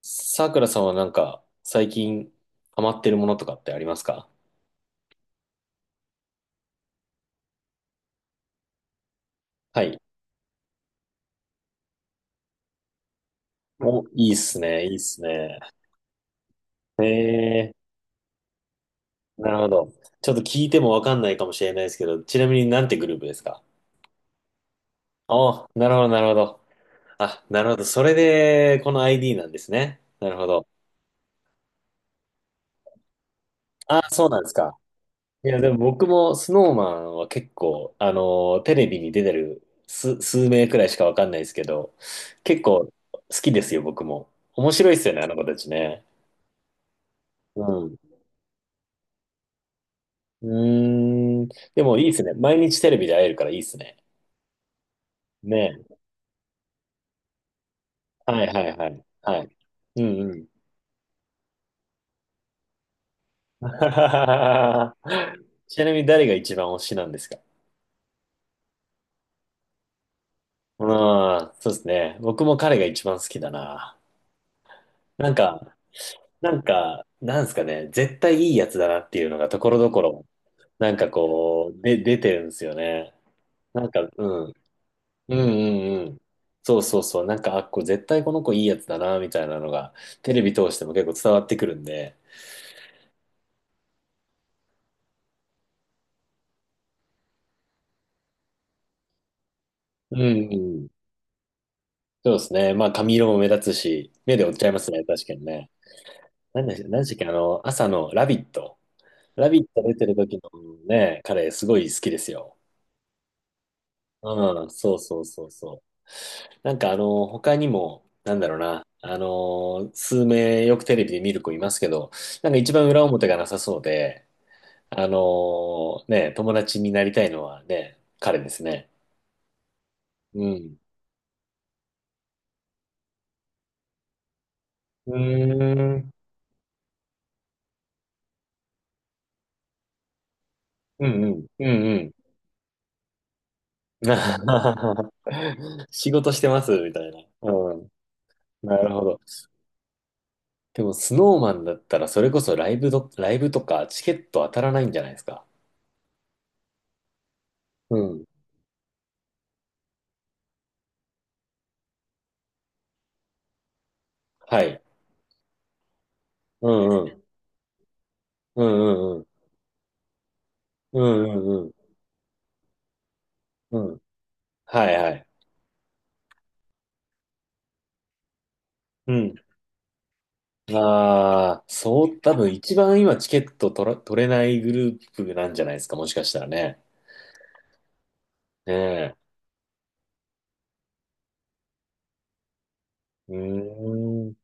さくらさんは最近ハマってるものとかってありますか？はい。お、いいっすね、いいっすね。ええ、なるほど。ちょっと聞いてもわかんないかもしれないですけど、ちなみになんてグループですか？あ、なるほど、なるほど。あ、なるほど。それで、この ID なんですね。なるほど。あ、そうなんですか。いや、でも僕もスノーマンは結構、テレビに出てる数名くらいしかわかんないですけど、結構好きですよ、僕も。面白いっすよね、あの子たちね。うん。うーん。でもいいですね。毎日テレビで会えるからいいですね。ねえ。はいはいはい。はい。うんうん。ちなみに誰が一番推しなんですか？うん、そうですね。僕も彼が一番好きだな。なんか、なんですかね。絶対いいやつだなっていうのがところどころ、こう、出てるんですよね。うん。うんうんうん。そうそうそう。なんか、あ、こう絶対この子いいやつだな、みたいなのが、テレビ通しても結構伝わってくるんで。うんうん。そうですね。まあ、髪色も目立つし、目で追っちゃいますね。確かにね。なんで、何でしたっけ、あの、朝のラビット。ラビット出てる時のね、彼、すごい好きですよ。うん、そうそうそうそう。他にも、なんだろうな。あの、数名よくテレビで見る子いますけど、なんか一番裏表がなさそうで、ね、友達になりたいのはね、彼ですね。うん。うーん。うんうん。うんうん。仕事してますみたいな。うん。なるほど。でも、スノーマンだったら、それこそライブとかチケット当たらないんじゃないですか。うん。はい。うんうん。うんうんうん。うんうんうん。うん。はいはい。うん。ああ、そう、多分一番今チケット取ら、取れないグループなんじゃないですか、もしかしたらね。ねえ。うーん。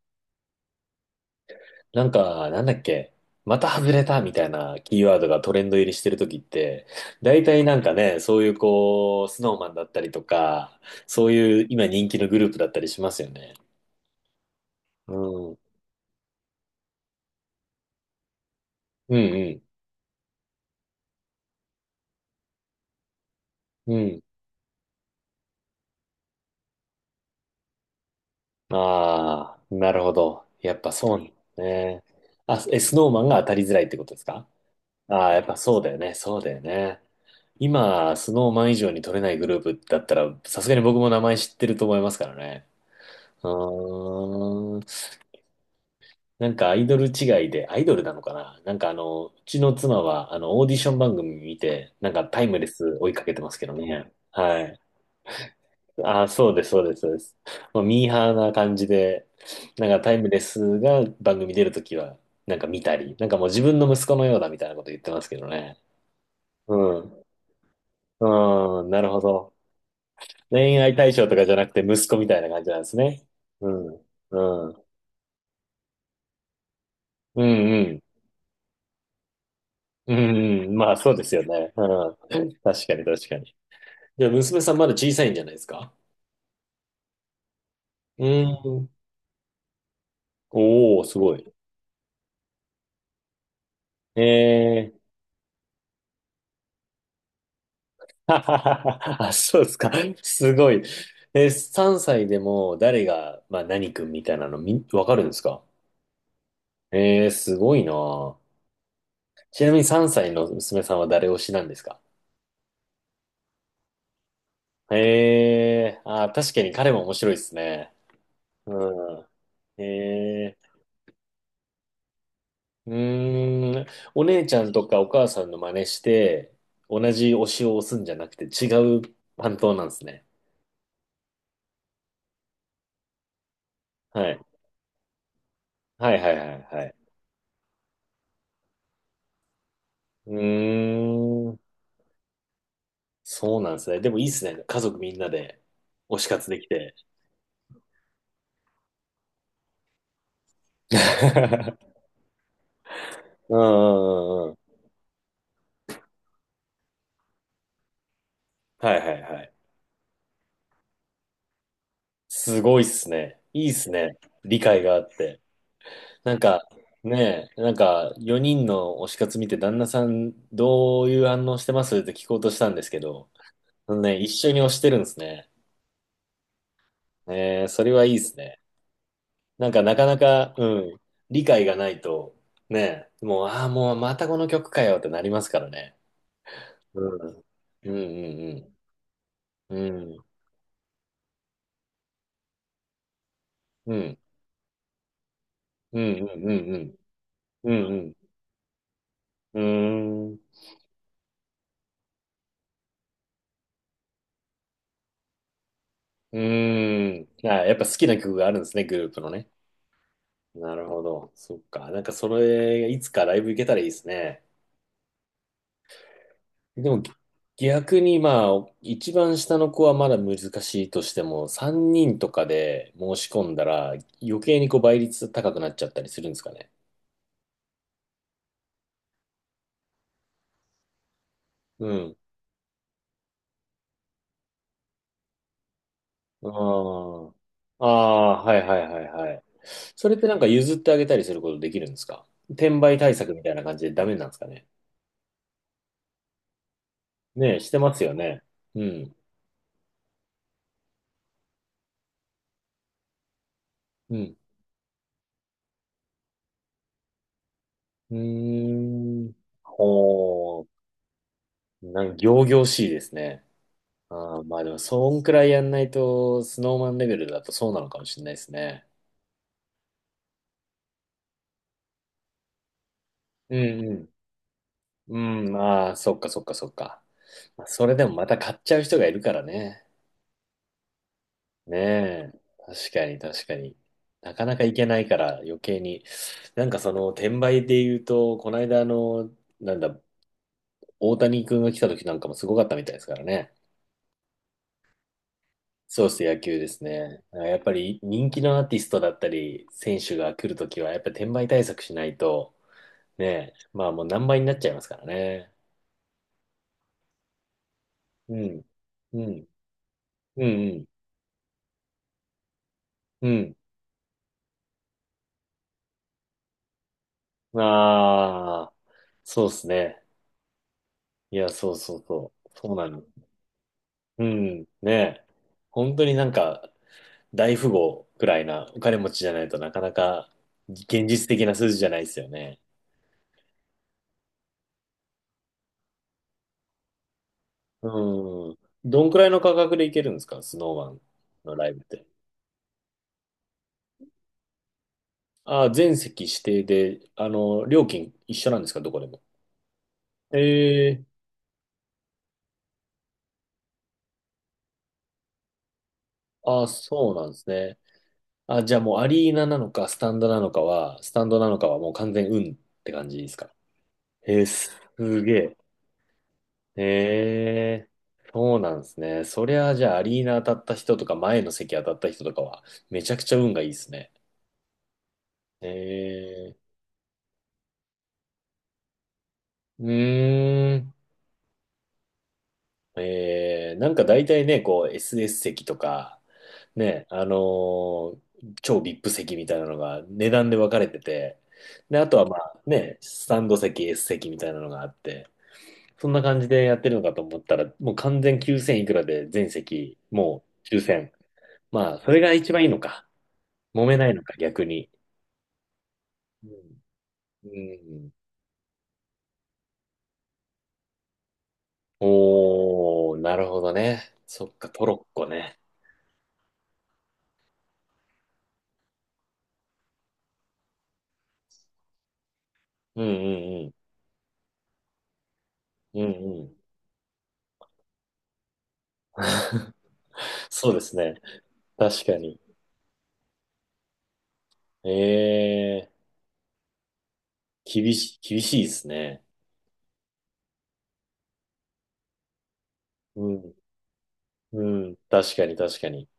なんか、なんだっけ。また外れたみたいなキーワードがトレンド入りしてるときって、大体なんかね、そういうこう、スノーマンだったりとか、そういう今人気のグループだったりしますよね。うん。うんうん。うん。ああ、なるほど。やっぱそうなんですね。あ、え、スノーマンが当たりづらいってことですか？ああー、やっぱそうだよね。そうだよね。今、スノーマン以上に取れないグループだったら、さすがに僕も名前知ってると思いますからね。あーなんかアイドル違いで、アイドルなのかな、なんかあの、うちの妻はあの、オーディション番組見て、なんかタイムレス追いかけてますけどね。はい。あー、そうです、そうです、そうです。もうミーハーな感じで、なんかタイムレスが番組出るときは、なんか見たり、なんかもう自分の息子のようだみたいなこと言ってますけどね。うん。うん、なるほど。恋愛対象とかじゃなくて息子みたいな感じなんですね。うん。うん。うん、うん。うん、まあそうですよね。うん。確かに確かに。じゃあ娘さんまだ小さいんじゃないですか？うん。おー、すごい。えー、あ、そうですか。すごい。え、3歳でも誰が、まあ何君みたいなわかるんですか？えー、すごいなあ。ちなみに3歳の娘さんは誰推しなんですか？えー、あ確かに彼も面白いですね。うん。えーうーん、お姉ちゃんとかお母さんの真似して、同じ推しを押すんじゃなくて違う担当なんですね。はい。はいはいはいはい。うーん、そうなんですね。でもいいですね。家族みんなで推し活できて。うんうんうんうん。はいはいはい。すごいっすね。いいっすね。理解があって。なんか、ねえ、なんか4人の推し活見て旦那さんどういう反応してますって聞こうとしたんですけど、うんね、一緒に推してるんですね。ねえー、それはいいですね。なんかなかなか、うん、理解がないと、ね、もう、ああ、もうまたこの曲かよってなりますからね。うん。うんうんうん。うん。うんうんうんうん。うんうん。うーん。うーん。あ、やっぱ好きな曲があるんですね、グループのね。なるほど。そっか。なんかそれ、いつかライブ行けたらいいですね。でも逆にまあ、一番下の子はまだ難しいとしても、3人とかで申し込んだら余計にこう倍率高くなっちゃったりするんですかね。うん。ああ。ああ、はいはいはいはい。それってなんか譲ってあげたりすることできるんですか？転売対策みたいな感じでダメなんですかね。ねえ、してますよね。うん。うん。うーん。ほう。なんか仰々しいですね。ああ、まあでも、そんくらいやんないと、スノーマンレベルだとそうなのかもしれないですね。うんうん。うん、ああ、そっかそっかそっか。まあ、それでもまた買っちゃう人がいるからね。ねえ。確かに確かに。なかなかいけないから余計に。なんかその転売で言うと、この間あの、なんだ、大谷君が来た時なんかもすごかったみたいですからね。そうですね、野球ですね。やっぱり人気のアーティストだったり、選手が来るときは、やっぱり転売対策しないと、ねえ。まあもう何倍になっちゃいますからね。うん。うん。うん。うん。うん。ああ、そうですね。いや、そうそうそう。そうなの。うん。ねえ。本当になんか大富豪くらいなお金持ちじゃないとなかなか現実的な数字じゃないですよね。うん。どんくらいの価格でいけるんですかスノーマンのライブって。ああ、全席指定で、あの、料金一緒なんですかどこでも。ええああ、そうなんですね。あ、じゃあもうアリーナなのか、スタンドなのかはもう完全運って感じですか。えー、すげえ。えー、そうなんですね。そりゃあ、じゃあアリーナ当たった人とか、前の席当たった人とかは、めちゃくちゃ運がいいですね。えー、うーん。えー、なんか大体ね、こう SS 席とか、ね、あのー超 VIP 席みたいなのが値段で分かれてて、で、あとはまあね、スタンド席、S 席みたいなのがあって、そんな感じでやってるのかと思ったら、もう完全9000いくらで全席、もう抽選。まあ、それが一番いいのか。揉めないのか、逆に。うん。うん、おー、なるほどね。そっか、トロッコね。うんうんうん。うんうん。そうですね。確かに。ええ厳しい、厳しいですね。うん。うん。確かに、確かに。